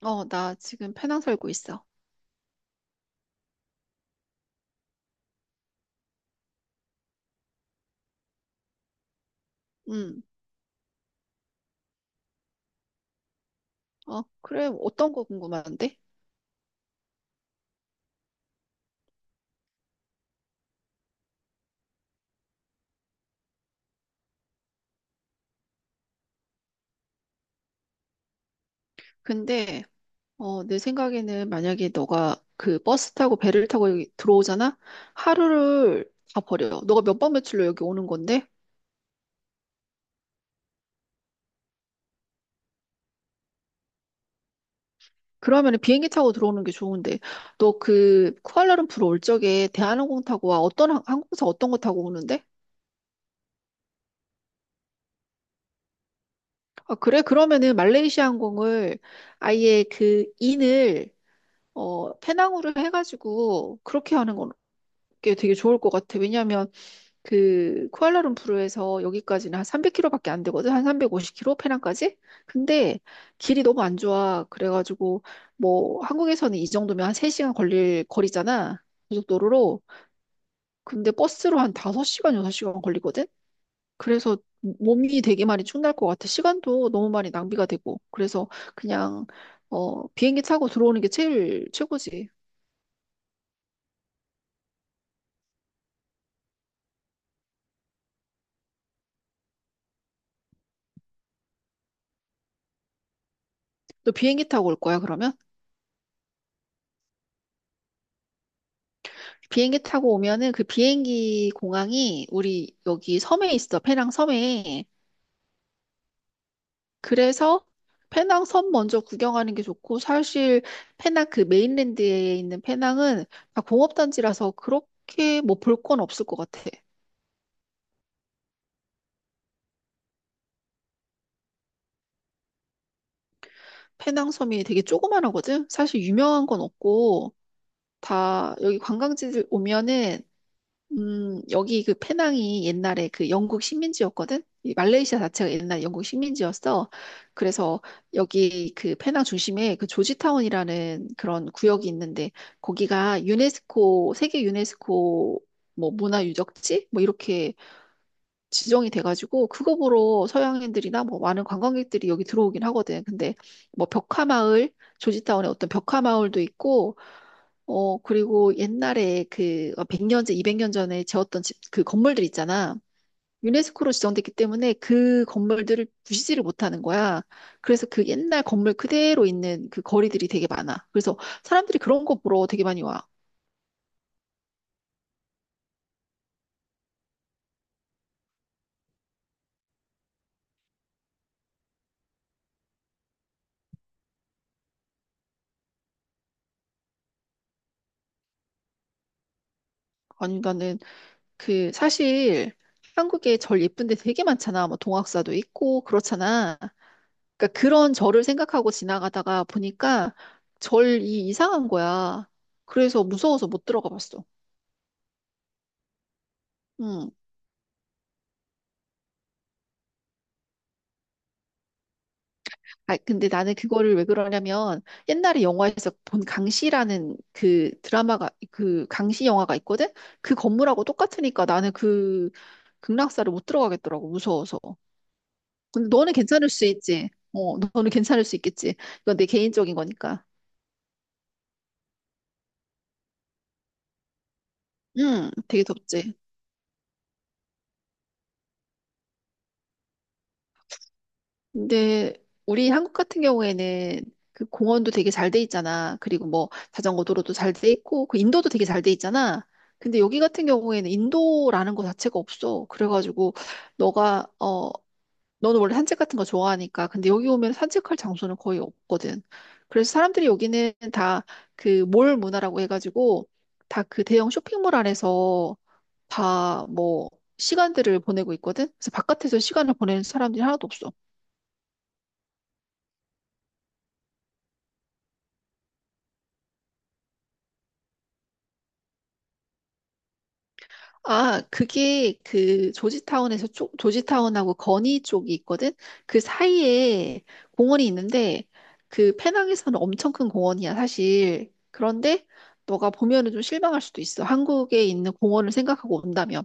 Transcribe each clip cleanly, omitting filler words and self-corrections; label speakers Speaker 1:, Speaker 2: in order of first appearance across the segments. Speaker 1: 나 지금 페낭 살고 있어. 음. 그래. 어떤 거 궁금한데? 근데 내 생각에는 만약에 너가 그 버스 타고 배를 타고 여기 들어오잖아? 하루를 다 버려. 너가 몇 박 며칠로 여기 오는 건데? 그러면 은 비행기 타고 들어오는 게 좋은데. 너 그 쿠알라룸푸르 올 적에 대한항공 타고 와. 어떤 항공사 어떤 거 타고 오는데? 아, 그래? 그러면은 말레이시아 항공을 아예 그 인을 페낭으로 해가지고 그렇게 하는 건 게 되게 좋을 것 같아. 왜냐하면 그 쿠알라룸푸르에서 여기까지는 한 300km밖에 안 되거든. 한 350km 페낭까지. 근데 길이 너무 안 좋아. 그래가지고 뭐 한국에서는 이 정도면 한 3시간 걸릴 거리잖아. 고속도로로. 근데 버스로 한 5시간, 6시간 걸리거든. 그래서 몸이 되게 많이 축날 것 같아. 시간도 너무 많이 낭비가 되고. 그래서 그냥 비행기 타고 들어오는 게 제일 최고지. 너 비행기 타고 올 거야, 그러면? 비행기 타고 오면은 그 비행기 공항이 우리 여기 섬에 있어. 페낭 섬에. 그래서 페낭 섬 먼저 구경하는 게 좋고, 사실 페낭 그 메인랜드에 있는 페낭은 다 공업단지라서 그렇게 뭐 볼 건 없을 것 같아. 페낭 섬이 되게 조그만하거든. 사실 유명한 건 없고 다 여기 관광지들 오면은 여기 그 페낭이 옛날에 그 영국 식민지였거든? 이 말레이시아 자체가 옛날 영국 식민지였어. 그래서 여기 그 페낭 중심에 그 조지타운이라는 그런 구역이 있는데, 거기가 유네스코, 세계 유네스코 뭐 문화유적지? 뭐 이렇게 지정이 돼가지고 그거 보러 서양인들이나 뭐 많은 관광객들이 여기 들어오긴 하거든. 근데 뭐 벽화마을, 조지타운에 어떤 벽화마을도 있고, 그리고 옛날에 그 100년째, 200년 전에 지었던 집, 그 건물들 있잖아. 유네스코로 지정됐기 때문에 그 건물들을 부시지를 못하는 거야. 그래서 그 옛날 건물 그대로 있는 그 거리들이 되게 많아. 그래서 사람들이 그런 거 보러 되게 많이 와. 아니, 나는 그 사실 한국에 절 예쁜 데 되게 많잖아. 뭐 동학사도 있고 그렇잖아. 그러니까 그런 절을 생각하고 지나가다가 보니까 절이 이상한 거야. 그래서 무서워서 못 들어가 봤어. 음. 아, 근데 나는 그거를 왜 그러냐면 옛날에 영화에서 본 강시라는 그 드라마가 그 강시 영화가 있거든. 그 건물하고 똑같으니까 나는 그 극락사를 못 들어가겠더라고. 무서워서. 근데 너는 괜찮을 수 있지. 너는 괜찮을 수 있겠지. 이건 내 개인적인 거니까. 응, 되게 덥지. 근데 우리 한국 같은 경우에는 그 공원도 되게 잘 돼 있잖아. 그리고 뭐 자전거 도로도 잘 돼 있고, 그 인도도 되게 잘 돼 있잖아. 근데 여기 같은 경우에는 인도라는 거 자체가 없어. 그래가지고 너가 어 너는 원래 산책 같은 거 좋아하니까. 근데 여기 오면 산책할 장소는 거의 없거든. 그래서 사람들이 여기는 다 그 몰 문화라고 해가지고 다 그 대형 쇼핑몰 안에서 다 뭐 시간들을 보내고 있거든. 그래서 바깥에서 시간을 보내는 사람들이 하나도 없어. 아, 그게 그 조지타운에서 조지타운하고 건희 쪽이 있거든. 그 사이에 공원이 있는데 그 페낭에서는 엄청 큰 공원이야, 사실. 그런데 너가 보면은 좀 실망할 수도 있어. 한국에 있는 공원을 생각하고 온다면.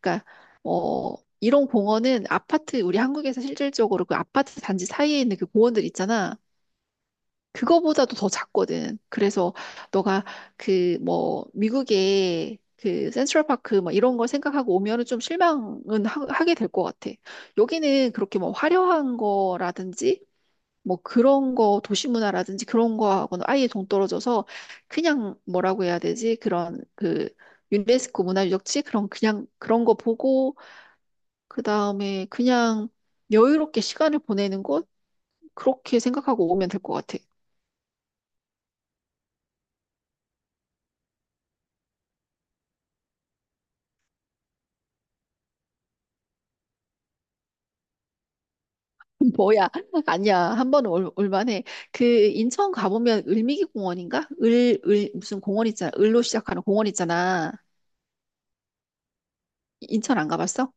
Speaker 1: 그러니까 어 이런 공원은 아파트 우리 한국에서 실질적으로 그 아파트 단지 사이에 있는 그 공원들 있잖아. 그거보다도 더 작거든. 그래서 너가 그 뭐 미국의 그 센트럴파크 막 이런 걸 생각하고 오면은 좀 실망은 게 될 것 같아. 여기는 그렇게 뭐 화려한 거라든지 뭐 그런 거 도시 문화라든지 그런 거하고는 아예 동떨어져서 그냥 뭐라고 해야 되지? 그런 그 유네스코 문화유적지 그런 그냥 그런 거 보고 그다음에 그냥 여유롭게 시간을 보내는 곳, 그렇게 생각하고 오면 될 것 같아. 뭐야? 아니야. 한 번은 올만해. 그 인천 가보면 을미기 공원인가? 무슨 공원 있잖아. 을로 시작하는 공원 있잖아. 인천 안 가봤어?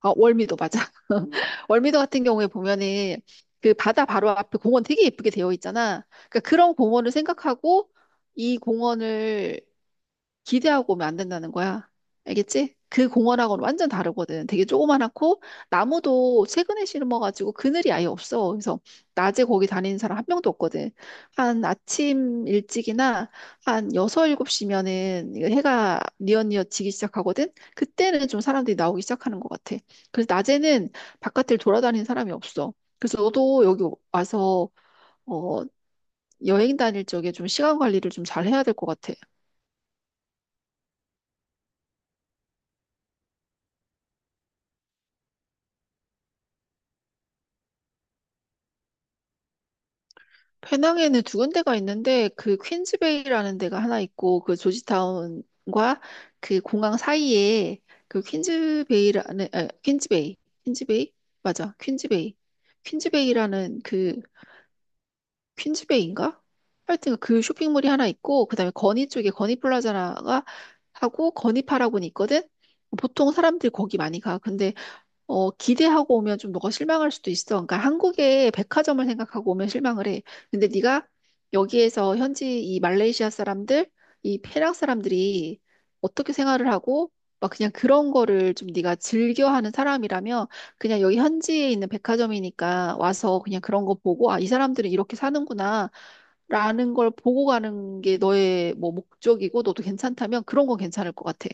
Speaker 1: 아, 월미도 맞아. 월미도 같은 경우에 보면은 그 바다 바로 앞에 공원 되게 예쁘게 되어 있잖아. 그러니까 그런 공원을 생각하고 이 공원을 기대하고 오면 안 된다는 거야. 알겠지? 그 공원하고는 완전 다르거든. 되게 조그만하고 나무도 최근에 심어가지고 그늘이 아예 없어. 그래서 낮에 거기 다니는 사람 한 명도 없거든. 한 아침 일찍이나 한 여섯 일곱 시면은 해가 뉘엿뉘엿 지기 시작하거든. 그때는 좀 사람들이 나오기 시작하는 것 같아. 그래서 낮에는 바깥을 돌아다니는 사람이 없어. 그래서 너도 여기 와서 어, 여행 다닐 적에 좀 시간 관리를 좀 잘 해야 될 것 같아. 페낭에는 두 군데가 있는데 그 퀸즈베이라는 데가 하나 있고, 그 조지타운과 그 공항 사이에 그 퀸즈베이라는, 아, 퀸즈베이, 퀸즈베이, 맞아 퀸즈베이, 퀸즈베이라는 그 퀸즈베이인가? 하여튼 그 쇼핑몰이 하나 있고, 그다음에 건희 쪽에 건희 플라자가 하고 건희 파라곤이 있거든. 보통 사람들이 거기 많이 가. 근데 기대하고 오면 좀 너가 실망할 수도 있어. 그러니까 한국의 백화점을 생각하고 오면 실망을 해. 근데 네가 여기에서 현지 이 말레이시아 사람들, 이 페랑 사람들이 어떻게 생활을 하고 막 그냥 그런 거를 좀 네가 즐겨하는 사람이라면 그냥 여기 현지에 있는 백화점이니까 와서 그냥 그런 거 보고 아, 이 사람들은 이렇게 사는구나 라는 걸 보고 가는 게 너의 뭐 목적이고 너도 괜찮다면 그런 건 괜찮을 것 같아.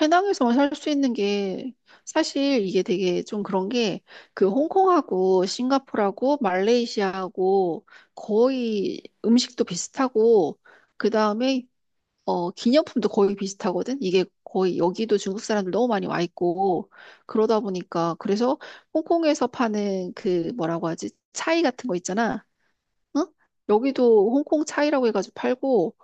Speaker 1: 해낭에서만 살 수 있는 게 사실 이게 되게 좀 그런 게 그 홍콩하고 싱가포르하고 말레이시아하고 거의 음식도 비슷하고 그다음에 기념품도 거의 비슷하거든. 이게 거의 여기도 중국 사람들 너무 많이 와 있고 그러다 보니까, 그래서 홍콩에서 파는 그 뭐라고 하지? 차이 같은 거 있잖아. 응? 여기도 홍콩 차이라고 해가지고 팔고,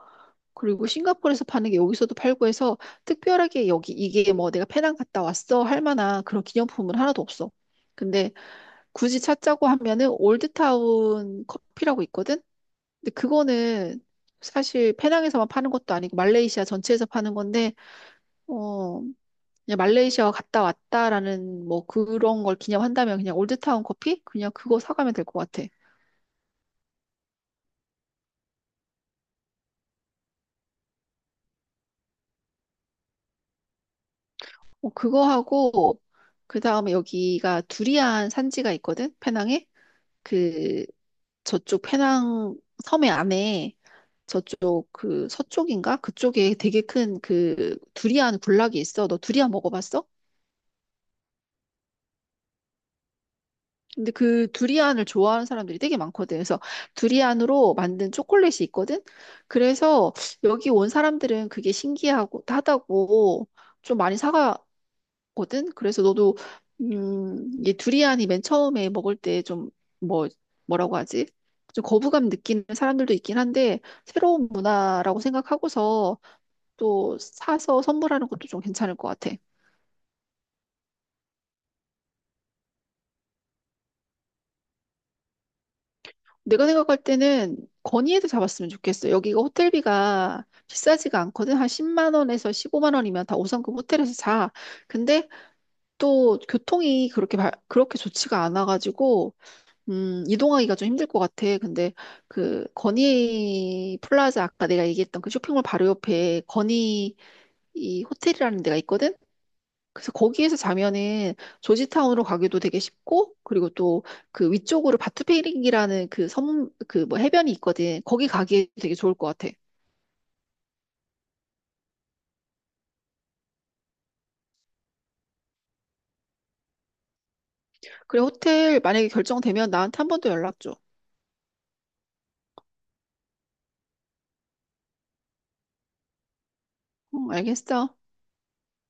Speaker 1: 그리고 싱가포르에서 파는 게 여기서도 팔고 해서 특별하게 여기 이게 뭐 내가 페낭 갔다 왔어 할 만한 그런 기념품은 하나도 없어. 근데 굳이 찾자고 하면은 올드타운 커피라고 있거든? 근데 그거는 사실 페낭에서만 파는 것도 아니고 말레이시아 전체에서 파는 건데 어 그냥 말레이시아 갔다 왔다라는 뭐 그런 걸 기념한다면 그냥 올드타운 커피 그냥 그거 사가면 될 것 같아. 그거 하고 그 다음에 여기가 두리안 산지가 있거든 페낭에. 그 저쪽 페낭 섬의 안에 저쪽 그 서쪽인가? 그쪽에 되게 큰 그 두리안 군락이 있어. 너 두리안 먹어봤어? 근데 그 두리안을 좋아하는 사람들이 되게 많거든. 그래서 두리안으로 만든 초콜릿이 있거든. 그래서 여기 온 사람들은 그게 신기하고 하다고 좀 많이 사가 거든. 그래서 너도 이 두리안이 맨 처음에 먹을 때 좀 뭐, 뭐라고 하지? 좀 거부감 느끼는 사람들도 있긴 한데 새로운 문화라고 생각하고서 또 사서 선물하는 것도 좀 괜찮을 것 같아. 내가 생각할 때는 건의해도 잡았으면 좋겠어. 여기가 호텔비가 비싸지가 않거든. 한 10만 원에서 15만 원이면 다 5성급 호텔에서 자. 근데 또 교통이 그렇게 그렇게 좋지가 않아가지고 이동하기가 좀 힘들 것 같아. 근데 그 건희 플라자 아까 내가 얘기했던 그 쇼핑몰 바로 옆에 건희 이 호텔이라는 데가 있거든. 그래서 거기에서 자면은 조지타운으로 가기도 되게 쉽고, 그리고 또 그 위쪽으로 바투페링이라는 그 섬, 그 뭐 해변이 있거든. 거기 가기 되게 좋을 것 같아. 그래, 호텔 만약에 결정되면 나한테 한 번 더 연락 줘. 응, 알겠어.